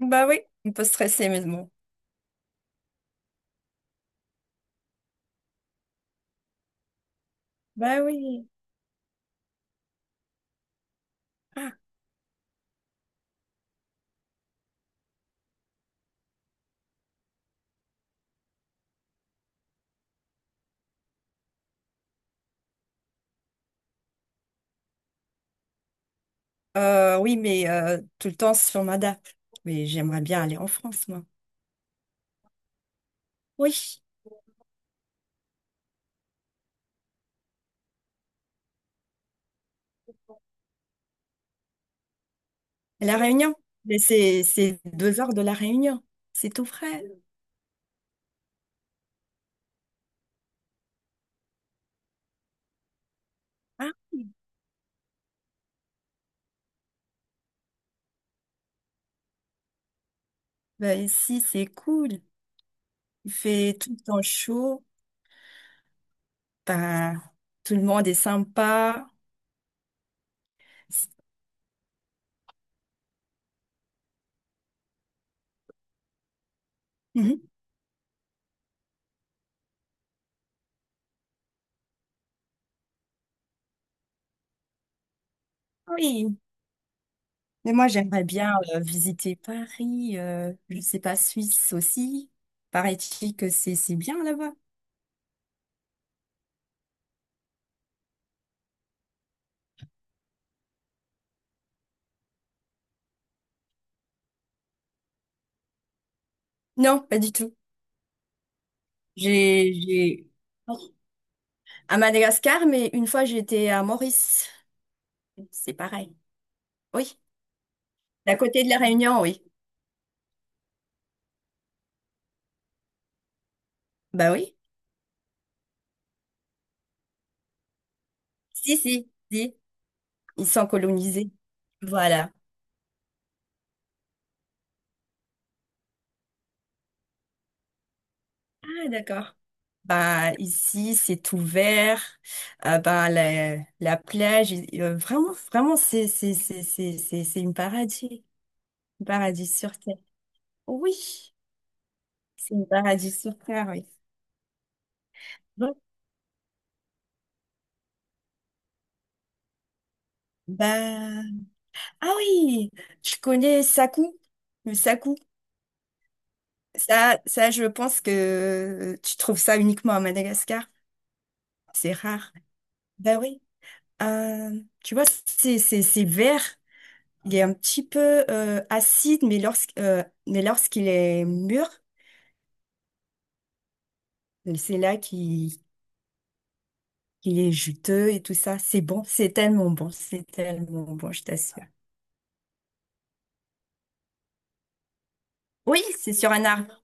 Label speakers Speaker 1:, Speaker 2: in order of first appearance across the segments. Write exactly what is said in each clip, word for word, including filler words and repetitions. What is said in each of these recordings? Speaker 1: Bah oui, on peut stresser, mais bon. Bah oui. Ah, euh, oui, mais euh, tout le temps sur on. Mais j'aimerais bien aller en France, moi. Oui, La Réunion. Mais c'est c'est deux heures de La Réunion. C'est tout frais. Ah oui. Bah ici, c'est cool. Il fait tout le temps chaud. Bah, tout le monde est sympa. Mhm. Oui. Mais moi, j'aimerais bien euh, visiter Paris. Euh, je sais pas, Suisse aussi. Paraît-il que c'est c'est bien là-bas. Non, pas du tout. J'ai, j'ai... À Madagascar, mais une fois j'étais à Maurice. C'est pareil. Oui. D'à côté de la Réunion, oui. Bah oui. Si, si, si. Ils sont colonisés. Voilà. Ah, d'accord. Bah, ici, c'est ouvert. Euh, bah, la, la plage, euh, vraiment, vraiment, c'est, c'est, c'est, c'est, c'est, c'est une paradis. Un paradis sur terre. Oui, c'est une paradis sur terre, oui. Bon. Bah, ah oui, je connais Sakou, le Sakou. Ça, ça, je pense que tu trouves ça uniquement à Madagascar. C'est rare. Ben oui. Euh, tu vois, c'est c'est c'est vert. Il est un petit peu euh, acide, mais lorsque euh, mais lorsqu'il est mûr, c'est là qu'il qu'il est juteux et tout ça. C'est bon, c'est tellement bon, c'est tellement bon, je t'assure. Oui, c'est sur un arbre.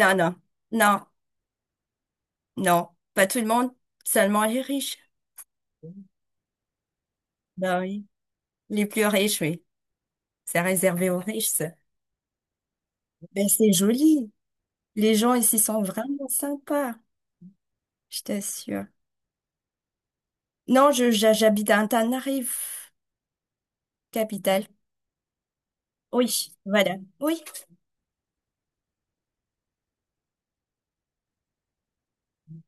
Speaker 1: Non, non, non, non. Pas tout le monde, seulement les riches. Ben oui. Les plus riches, oui. C'est réservé aux riches. Ça. Ben, c'est joli. Les gens ici sont vraiment sympas, je t'assure. Non, je, j'ha- J'habite à Antananarive, capitale. Oui, voilà. Oui.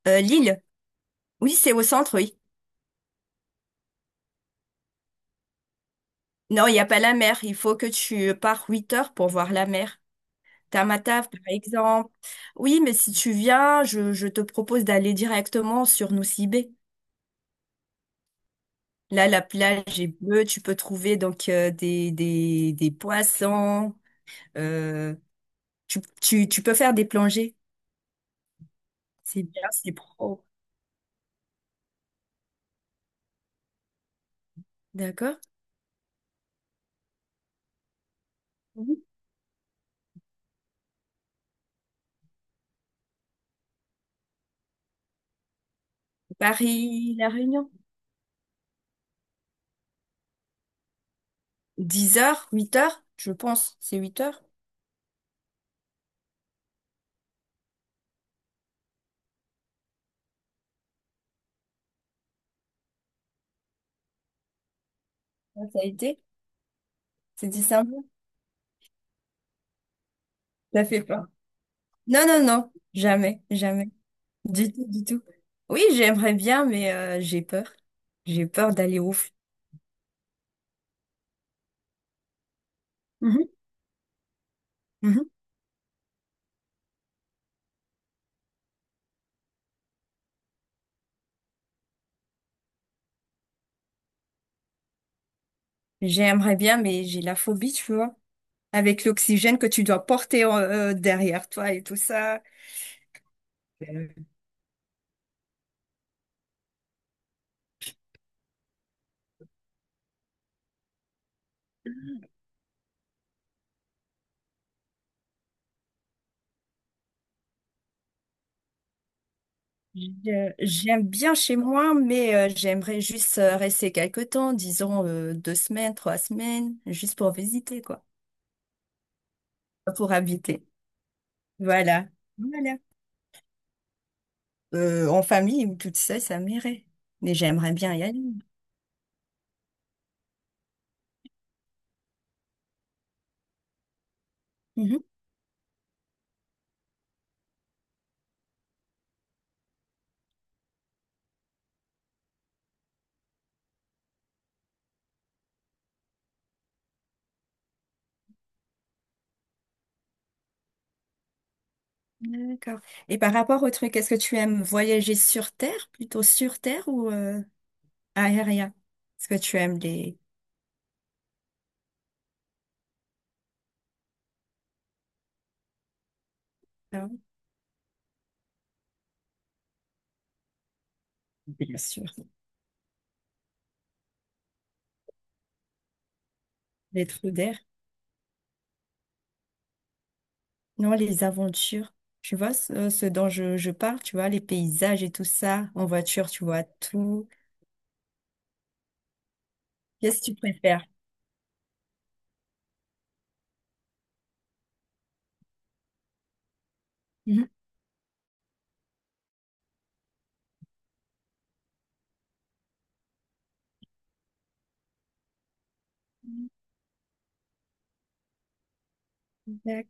Speaker 1: Euh, Lille. Oui, c'est au centre, oui. Non, il n'y a pas la mer. Il faut que tu pars huit heures pour voir la mer. Tamatave, par exemple. Oui, mais si tu viens, je, je te propose d'aller directement sur Nusibé. Là, la plage est bleue. Tu peux trouver donc euh, des, des, des poissons. Euh, tu, tu, tu peux faire des plongées. C'est bien, c'est pro. D'accord? Mhm. Paris, La Réunion. Dix heures, huit heures, je pense. C'est huit heures. Ça ça a été? C'est décembre. Ça fait pas. Non, non, non. Jamais, jamais. Du tout, du tout. Oui, j'aimerais bien, mais euh, j'ai peur. J'ai peur d'aller au fond. Mhm. Mhm. J'aimerais bien, mais j'ai la phobie, tu vois. Avec l'oxygène que tu dois porter euh, derrière toi et tout ça. Je- J'aime bien chez moi, mais euh, j'aimerais juste euh, rester quelque temps, disons euh, deux semaines, trois semaines, juste pour visiter, quoi, pour habiter. Voilà. Voilà. Euh, en famille ou toute seule, ça m'irait. Mais j'aimerais bien y aller. Mhm. D'accord. Et par rapport au truc, est-ce que tu aimes voyager sur Terre, plutôt sur Terre ou euh, aérien? Est-ce que tu aimes les... Ah oui, bien sûr. Les trous d'air. Non, les aventures, tu vois, ce, ce dont je, je parle, tu vois, les paysages et tout ça, en voiture, tu vois tout. Qu'est-ce que tu préfères? Mhm. D'accord.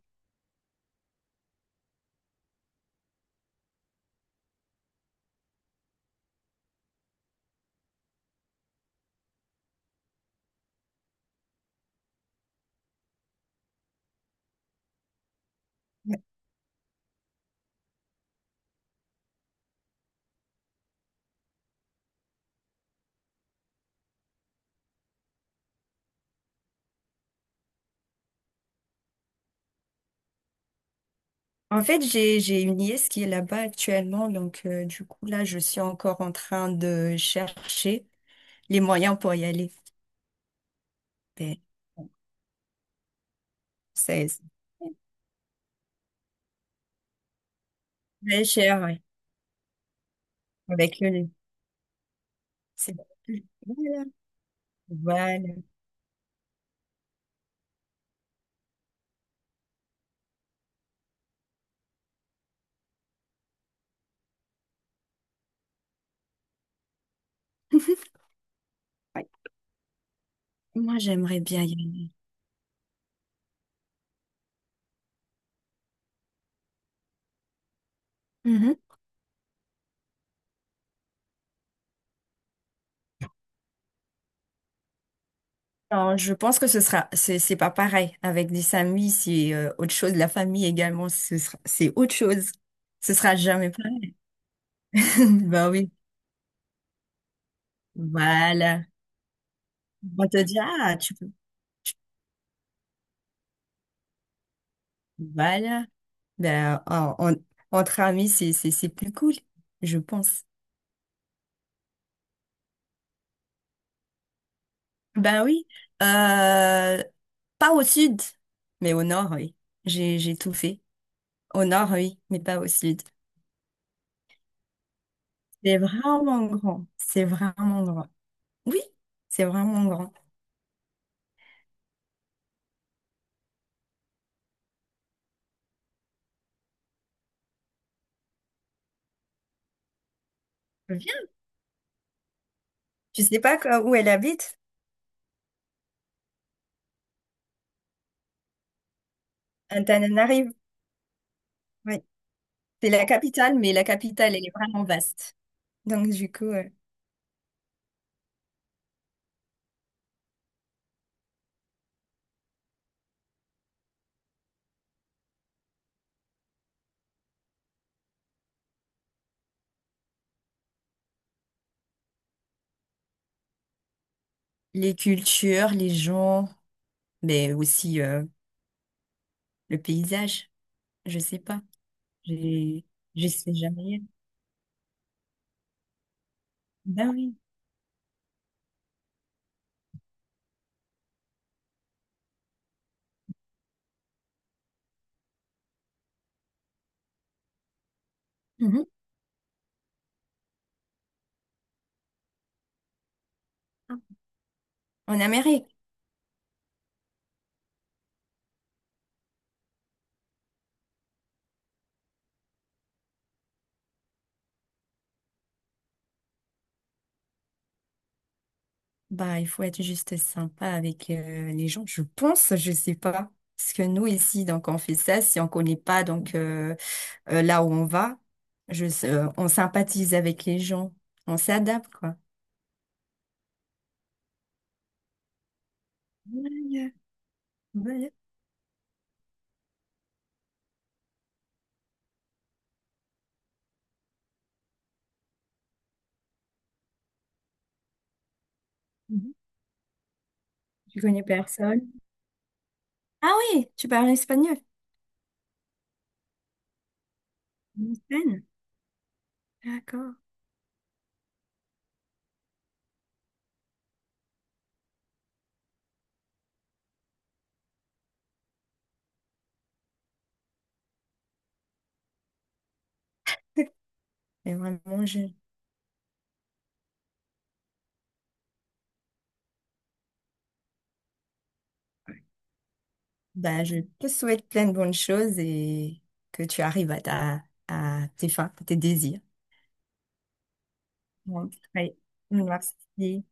Speaker 1: En fait, j'ai, j'ai une nièce qui est là-bas actuellement, donc euh, du coup, là, je suis encore en train de chercher les moyens pour y aller. Mais bon, c'est c'est cher, ouais, avec le nez. C'est- Voilà. Voilà. Ouais. Moi, j'aimerais bien y aller. Mhm. Non, je pense que ce sera, c'est c'est pas pareil. Avec des amis, c'est euh, autre chose. La famille également, ce sera, c'est autre chose. Ce sera jamais pareil. Bah oui. Voilà. On te dit, ah, tu peux. Voilà. Ben, en- en- entre amis, c'est, c'est, c'est plus cool, je pense. Ben oui. Euh, pas au sud, mais au nord, oui. J'ai, j'ai tout fait. Au nord, oui, mais pas au sud. C'est vraiment grand. C'est vraiment grand. Oui, c'est vraiment grand. Je sais pas quoi- où elle habite, Antananarive. Oui. C'est la capitale, mais la capitale, elle est vraiment vaste. Donc, du coup, euh, les cultures, les gens, mais aussi euh, le paysage, je sais pas. J'ai- Je sais jamais. Ben oui. Mhm. En Amérique, bah, il faut être juste sympa avec euh, les gens, je pense, je sais pas. Parce que nous, ici, donc, on fait ça si on connaît pas, donc, euh, euh, là où on va, je, sais- euh, on sympathise avec les gens, on s'adapte, quoi. Vaya, vaya. Mhm. Je connais personne. Ah oui, tu parles espagnol. En Espagne. D'accord. Et vraiment, je, bah, je te souhaite plein de bonnes choses et que tu arrives à ta, à tes fins, à tes désirs. Ouais. Merci.